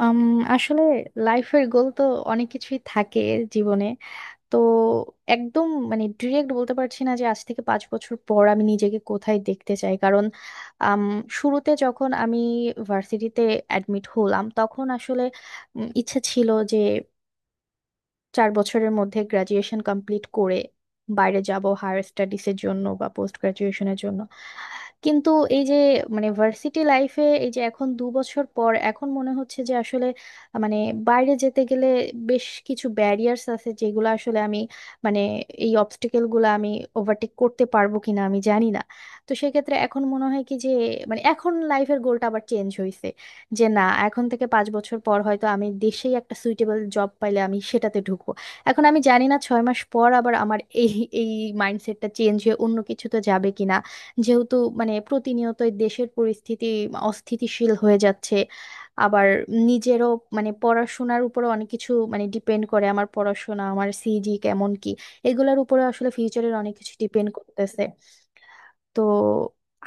আম, আসলে লাইফের গোল তো অনেক কিছুই থাকে জীবনে। তো একদম ডিরেক্ট বলতে পারছি না যে আজ থেকে পাঁচ বছর পর আমি নিজেকে কোথায় দেখতে চাই। কারণ আম, শুরুতে যখন আমি ভার্সিটিতে অ্যাডমিট হলাম তখন আসলে ইচ্ছে ছিল যে চার বছরের মধ্যে গ্রাজুয়েশন কমপ্লিট করে বাইরে যাব হায়ার স্টাডিজের জন্য বা পোস্ট গ্রাজুয়েশনের জন্য। কিন্তু এই যে ভার্সিটি লাইফে এই যে এখন দু বছর পর এখন মনে হচ্ছে যে আসলে মানে বাইরে যেতে গেলে বেশ কিছু ব্যারিয়ার্স আছে যেগুলো আসলে আমি মানে এই অবস্টেকেল গুলো আমি ওভারটেক করতে পারবো কিনা আমি জানি না। তো সেক্ষেত্রে এখন মনে হয় কি যে এখন লাইফের গোলটা আবার চেঞ্জ হয়েছে, যে না, এখন থেকে পাঁচ বছর পর হয়তো আমি দেশেই একটা সুইটেবল জব পাইলে আমি সেটাতে ঢুকবো। এখন আমি জানি না ছয় মাস পর আবার আমার এই এই মাইন্ডসেটটা চেঞ্জ হয়ে অন্য কিছুতে যাবে কিনা, যেহেতু প্রতিনিয়তই দেশের পরিস্থিতি অস্থিতিশীল হয়ে যাচ্ছে। আবার নিজেরও পড়াশোনার উপরে অনেক কিছু ডিপেন্ড করে, আমার পড়াশোনা আমার সিজি কেমন কি, এগুলোর উপরে আসলে ফিউচারের অনেক কিছু ডিপেন্ড করতেছে। তো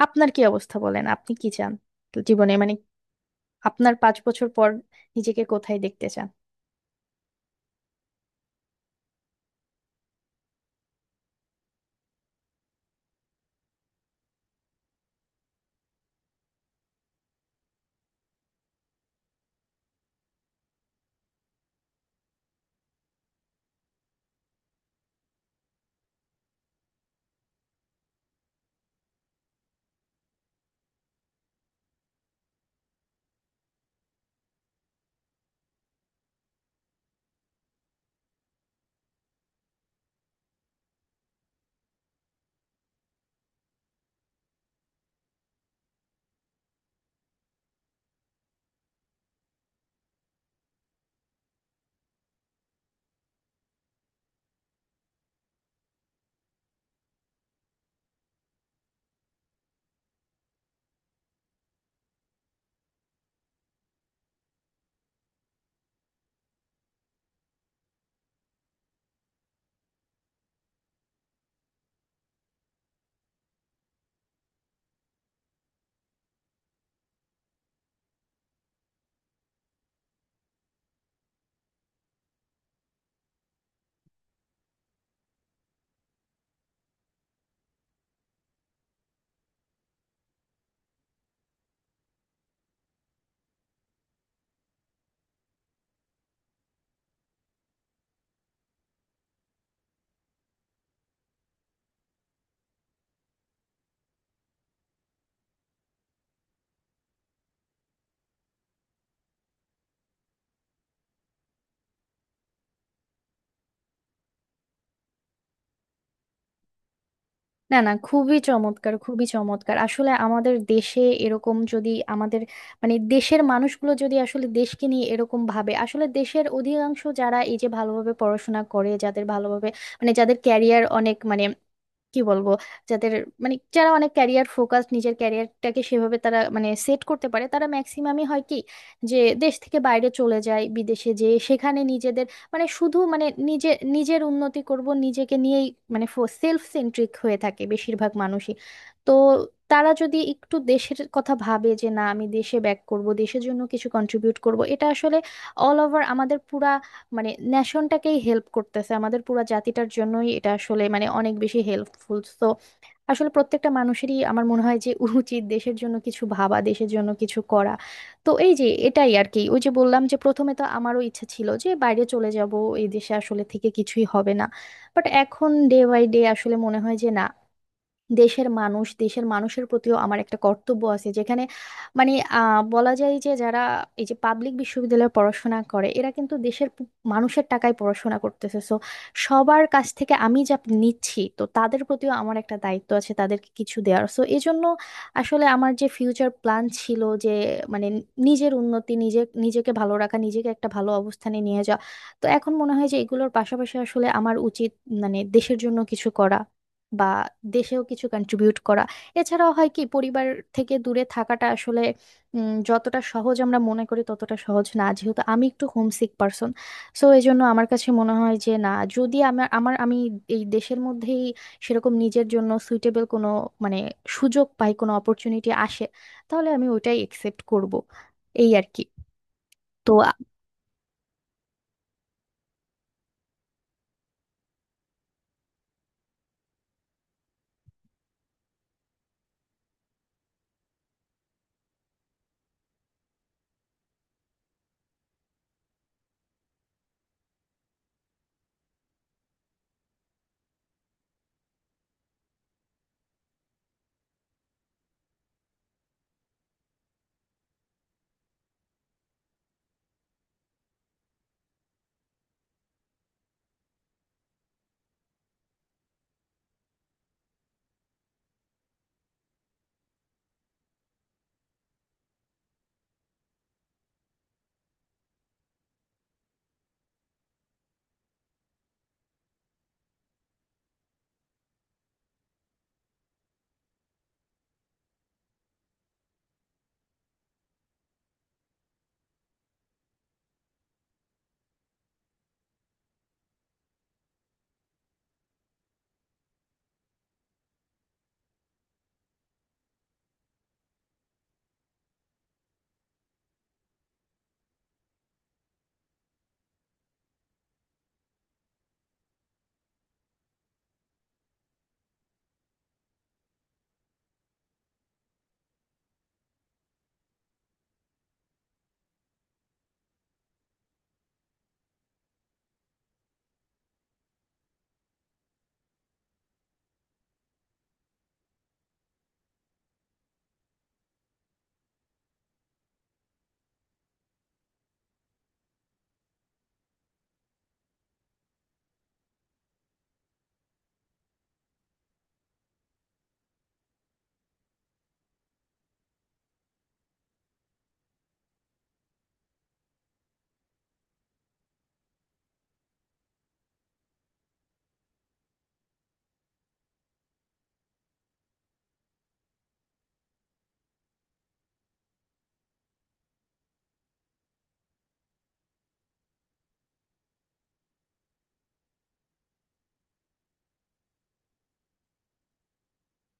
আপনার কি অবস্থা বলেন, আপনি কি চান জীবনে? আপনার পাঁচ বছর পর নিজেকে কোথায় দেখতে চান? না না, খুবই চমৎকার খুবই চমৎকার। আসলে আমাদের দেশে এরকম যদি আমাদের দেশের মানুষগুলো যদি আসলে দেশকে নিয়ে এরকম ভাবে, আসলে দেশের অধিকাংশ যারা এই যে ভালোভাবে পড়াশোনা করে যাদের ভালোভাবে যাদের ক্যারিয়ার অনেক মানে কি বলবো যাদের যারা অনেক ক্যারিয়ার ফোকাস নিজের ক্যারিয়ারটাকে সেভাবে তারা সেট করতে পারে, তারা ম্যাক্সিমামই হয় কি যে দেশ থেকে বাইরে চলে যায়, বিদেশে যেয়ে সেখানে নিজেদের মানে শুধু মানে নিজে নিজের উন্নতি করব নিজেকে নিয়েই, মানে সেলফ সেন্ট্রিক হয়ে থাকে বেশিরভাগ মানুষই। তো তারা যদি একটু দেশের কথা ভাবে যে না আমি দেশে ব্যাক করব দেশের জন্য কিছু কন্ট্রিবিউট করব, এটা আসলে অল ওভার আমাদের পুরা নেশনটাকেই হেল্প করতেছে, আমাদের পুরা জাতিটার জন্যই এটা আসলে অনেক বেশি হেল্পফুল। তো আসলে প্রত্যেকটা মানুষেরই আমার মনে হয় যে উচিত দেশের জন্য কিছু ভাবা, দেশের জন্য কিছু করা। তো এই যে এটাই আর কি, ওই যে বললাম যে প্রথমে তো আমারও ইচ্ছা ছিল যে বাইরে চলে যাব, এই দেশে আসলে থেকে কিছুই হবে না। বাট এখন ডে বাই ডে আসলে মনে হয় যে না, দেশের মানুষ, দেশের মানুষের প্রতিও আমার একটা কর্তব্য আছে যেখানে মানে বলা যায় যে যারা এই যে পাবলিক বিশ্ববিদ্যালয়ে পড়াশোনা করে এরা কিন্তু দেশের মানুষের টাকায় পড়াশোনা করতেছে। সো সবার কাছ থেকে আমি যা নিচ্ছি তো তাদের প্রতিও আমার একটা দায়িত্ব আছে তাদেরকে কিছু দেওয়ার। সো এই জন্য আসলে আমার যে ফিউচার প্ল্যান ছিল যে মানে নিজের উন্নতি নিজে, নিজেকে ভালো রাখা, নিজেকে একটা ভালো অবস্থানে নিয়ে যাওয়া, তো এখন মনে হয় যে এগুলোর পাশাপাশি আসলে আমার উচিত দেশের জন্য কিছু করা, বা দেশেও কিছু কন্ট্রিবিউট করা। এছাড়াও হয় কি, পরিবার থেকে দূরে থাকাটা আসলে যতটা সহজ আমরা মনে করি ততটা সহজ না, যেহেতু আমি একটু হোমসিক পার্সন। সো এই জন্য আমার কাছে মনে হয় যে না, যদি আমার আমার আমি এই দেশের মধ্যেই সেরকম নিজের জন্য সুইটেবল কোনো মানে সুযোগ পাই, কোনো অপরচুনিটি আসে, তাহলে আমি ওইটাই একসেপ্ট করব। এই আর কি। তো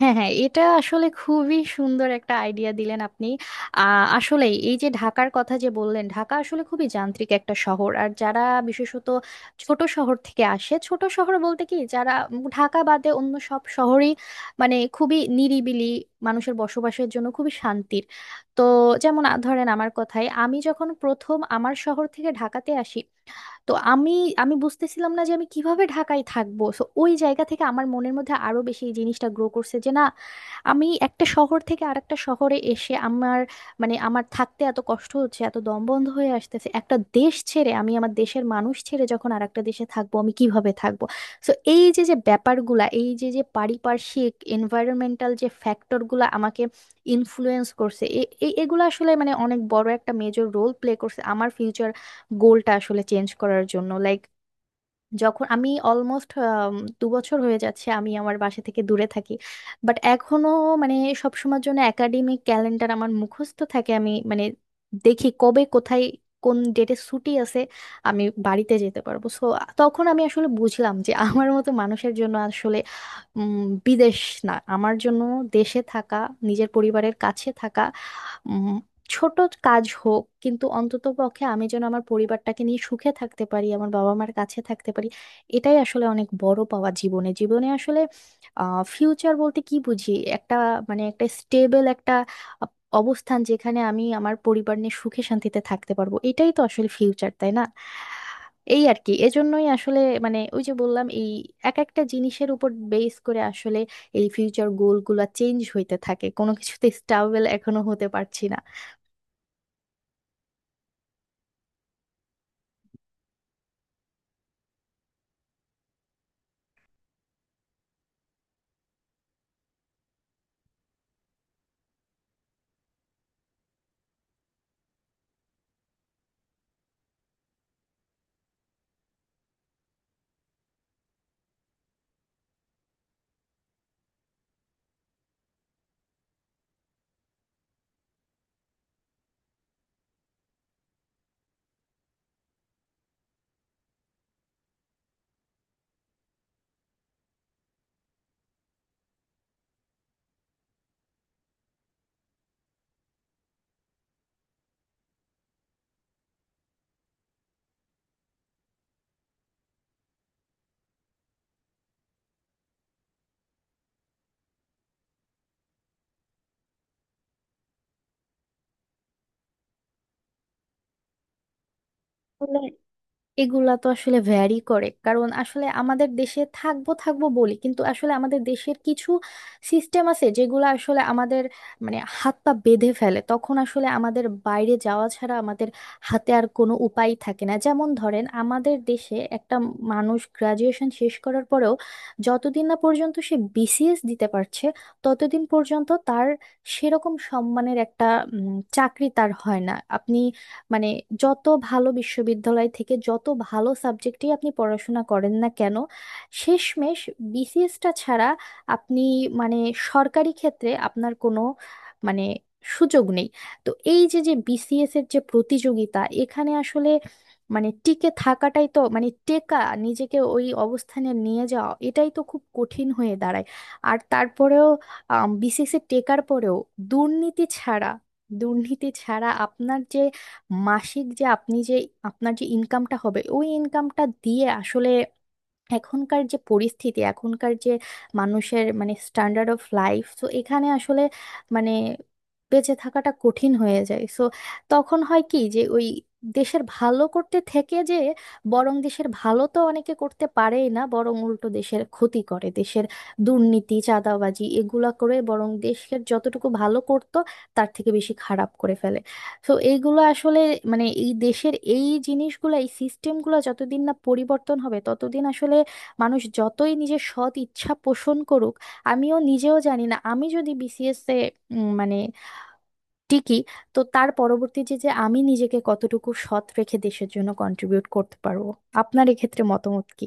হ্যাঁ হ্যাঁ, এটা আসলে খুবই সুন্দর একটা আইডিয়া দিলেন আপনি। আহ আসলে এই যে ঢাকার কথা যে বললেন, ঢাকা আসলে খুবই যান্ত্রিক একটা শহর। আর যারা বিশেষত ছোট শহর থেকে আসে, ছোট শহর বলতে কি, যারা ঢাকা বাদে অন্য সব শহরই খুবই নিরিবিলি, মানুষের বসবাসের জন্য খুবই শান্তির। তো যেমন ধরেন আমার কথায়, আমি যখন প্রথম আমার শহর থেকে ঢাকাতে আসি, তো আমি আমি বুঝতেছিলাম না যে আমি কিভাবে ঢাকায় থাকবো। সো ওই জায়গা থেকে আমার মনের মধ্যে আরো বেশি এই জিনিসটা গ্রো করছে যে না, আমি একটা শহর থেকে আরেকটা শহরে এসে আমার আমার থাকতে এত কষ্ট হচ্ছে এত দম বন্ধ হয়ে আসতেছে, একটা দেশ ছেড়ে আমি আমার দেশের মানুষ ছেড়ে যখন আরেকটা দেশে থাকবো আমি কিভাবে থাকবো। সো এই যে যে ব্যাপারগুলা, এই যে যে পারিপার্শ্বিক এনভায়রনমেন্টাল যে ফ্যাক্টরগুলা আমাকে ইনফ্লুয়েন্স করছে এগুলো আসলে অনেক বড় একটা মেজর রোল প্লে করছে আমার ফিউচার গোলটা আসলে চেঞ্জ করার জন্য। লাইক যখন আমি অলমোস্ট দু বছর হয়ে যাচ্ছে আমি আমার বাসা থেকে দূরে থাকি, বাট এখনো মানে সবসময়ের জন্য একাডেমিক ক্যালেন্ডার আমার মুখস্থ থাকে। আমি দেখি কবে কোথায় কোন ডেটে ছুটি আছে আমি বাড়িতে যেতে পারবো। সো তখন আমি আসলে বুঝলাম যে আমার মতো মানুষের জন্য আসলে উম, বিদেশ না, আমার জন্য দেশে থাকা, নিজের পরিবারের কাছে থাকা, ছোট কাজ হোক কিন্তু অন্তত পক্ষে আমি যেন আমার পরিবারটাকে নিয়ে সুখে থাকতে পারি, আমার বাবা মার কাছে থাকতে পারি, এটাই আসলে অনেক বড় পাওয়া জীবনে। জীবনে আসলে আহ ফিউচার বলতে কি বুঝি, একটা একটা স্টেবল একটা আহ, অবস্থান যেখানে আমি আমার পরিবার নিয়ে সুখে শান্তিতে থাকতে পারবো, এটাই তো আসলে ফিউচার তাই না। এই আর কি, এজন্যই আসলে ওই যে বললাম এই এক একটা জিনিসের উপর বেস করে আসলে এই ফিউচার গোল গুলা চেঞ্জ হইতে থাকে, কোনো কিছুতে স্টাবেল এখনো হতে পারছি না। এগুলা তো আসলে ভ্যারি করে, কারণ আসলে আমাদের দেশে থাকবো থাকবো বলি কিন্তু আসলে আমাদের দেশের কিছু সিস্টেম আছে যেগুলো আসলে আমাদের হাত পা বেঁধে ফেলে, তখন আসলে আমাদের বাইরে যাওয়া ছাড়া আমাদের হাতে আর কোনো উপায় থাকে না। যেমন ধরেন আমাদের দেশে একটা মানুষ গ্রাজুয়েশন শেষ করার পরেও যতদিন না পর্যন্ত সে বিসিএস দিতে পারছে ততদিন পর্যন্ত তার সেরকম সম্মানের একটা চাকরি তার হয় না। আপনি মানে যত ভালো বিশ্ববিদ্যালয় থেকে যত ভালো সাবজেক্টই আপনি পড়াশোনা করেন না কেন, শেষমেশ বিসিএসটা ছাড়া আপনি মানে সরকারি ক্ষেত্রে আপনার কোনো মানে সুযোগ নেই। তো এই যে যে বিসিএস এর যে প্রতিযোগিতা, এখানে আসলে টিকে থাকাটাই তো, টেকা, নিজেকে ওই অবস্থানে নিয়ে যাওয়া এটাই তো খুব কঠিন হয়ে দাঁড়ায়। আর তারপরেও বিসিএস এ টেকার পরেও দুর্নীতি ছাড়া, দুর্নীতি ছাড়া আপনার যে মাসিক যে আপনি যে আপনার যে ইনকামটা হবে ওই ইনকামটা দিয়ে আসলে এখনকার যে পরিস্থিতি, এখনকার যে মানুষের স্ট্যান্ডার্ড অফ লাইফ, তো এখানে আসলে মানে বেঁচে থাকাটা কঠিন হয়ে যায়। সো তখন হয় কি যে ওই দেশের ভালো করতে থেকে যে, বরং দেশের ভালো তো অনেকে করতে পারেই না বরং উল্টো দেশের ক্ষতি করে, দেশের দুর্নীতি চাঁদাবাজি এগুলা করে, বরং দেশের যতটুকু ভালো করতো তার থেকে বেশি খারাপ করে ফেলে। তো এইগুলো আসলে এই দেশের এই জিনিসগুলো এই সিস্টেমগুলো যতদিন না পরিবর্তন হবে ততদিন আসলে মানুষ যতই নিজের সৎ ইচ্ছা পোষণ করুক, আমিও নিজেও জানি না আমি যদি বিসিএস এ উম, মানে টিকি তো তার পরবর্তী যে যে আমি নিজেকে কতটুকু সৎ রেখে দেশের জন্য কন্ট্রিবিউট করতে পারবো। আপনার এক্ষেত্রে মতামত কি?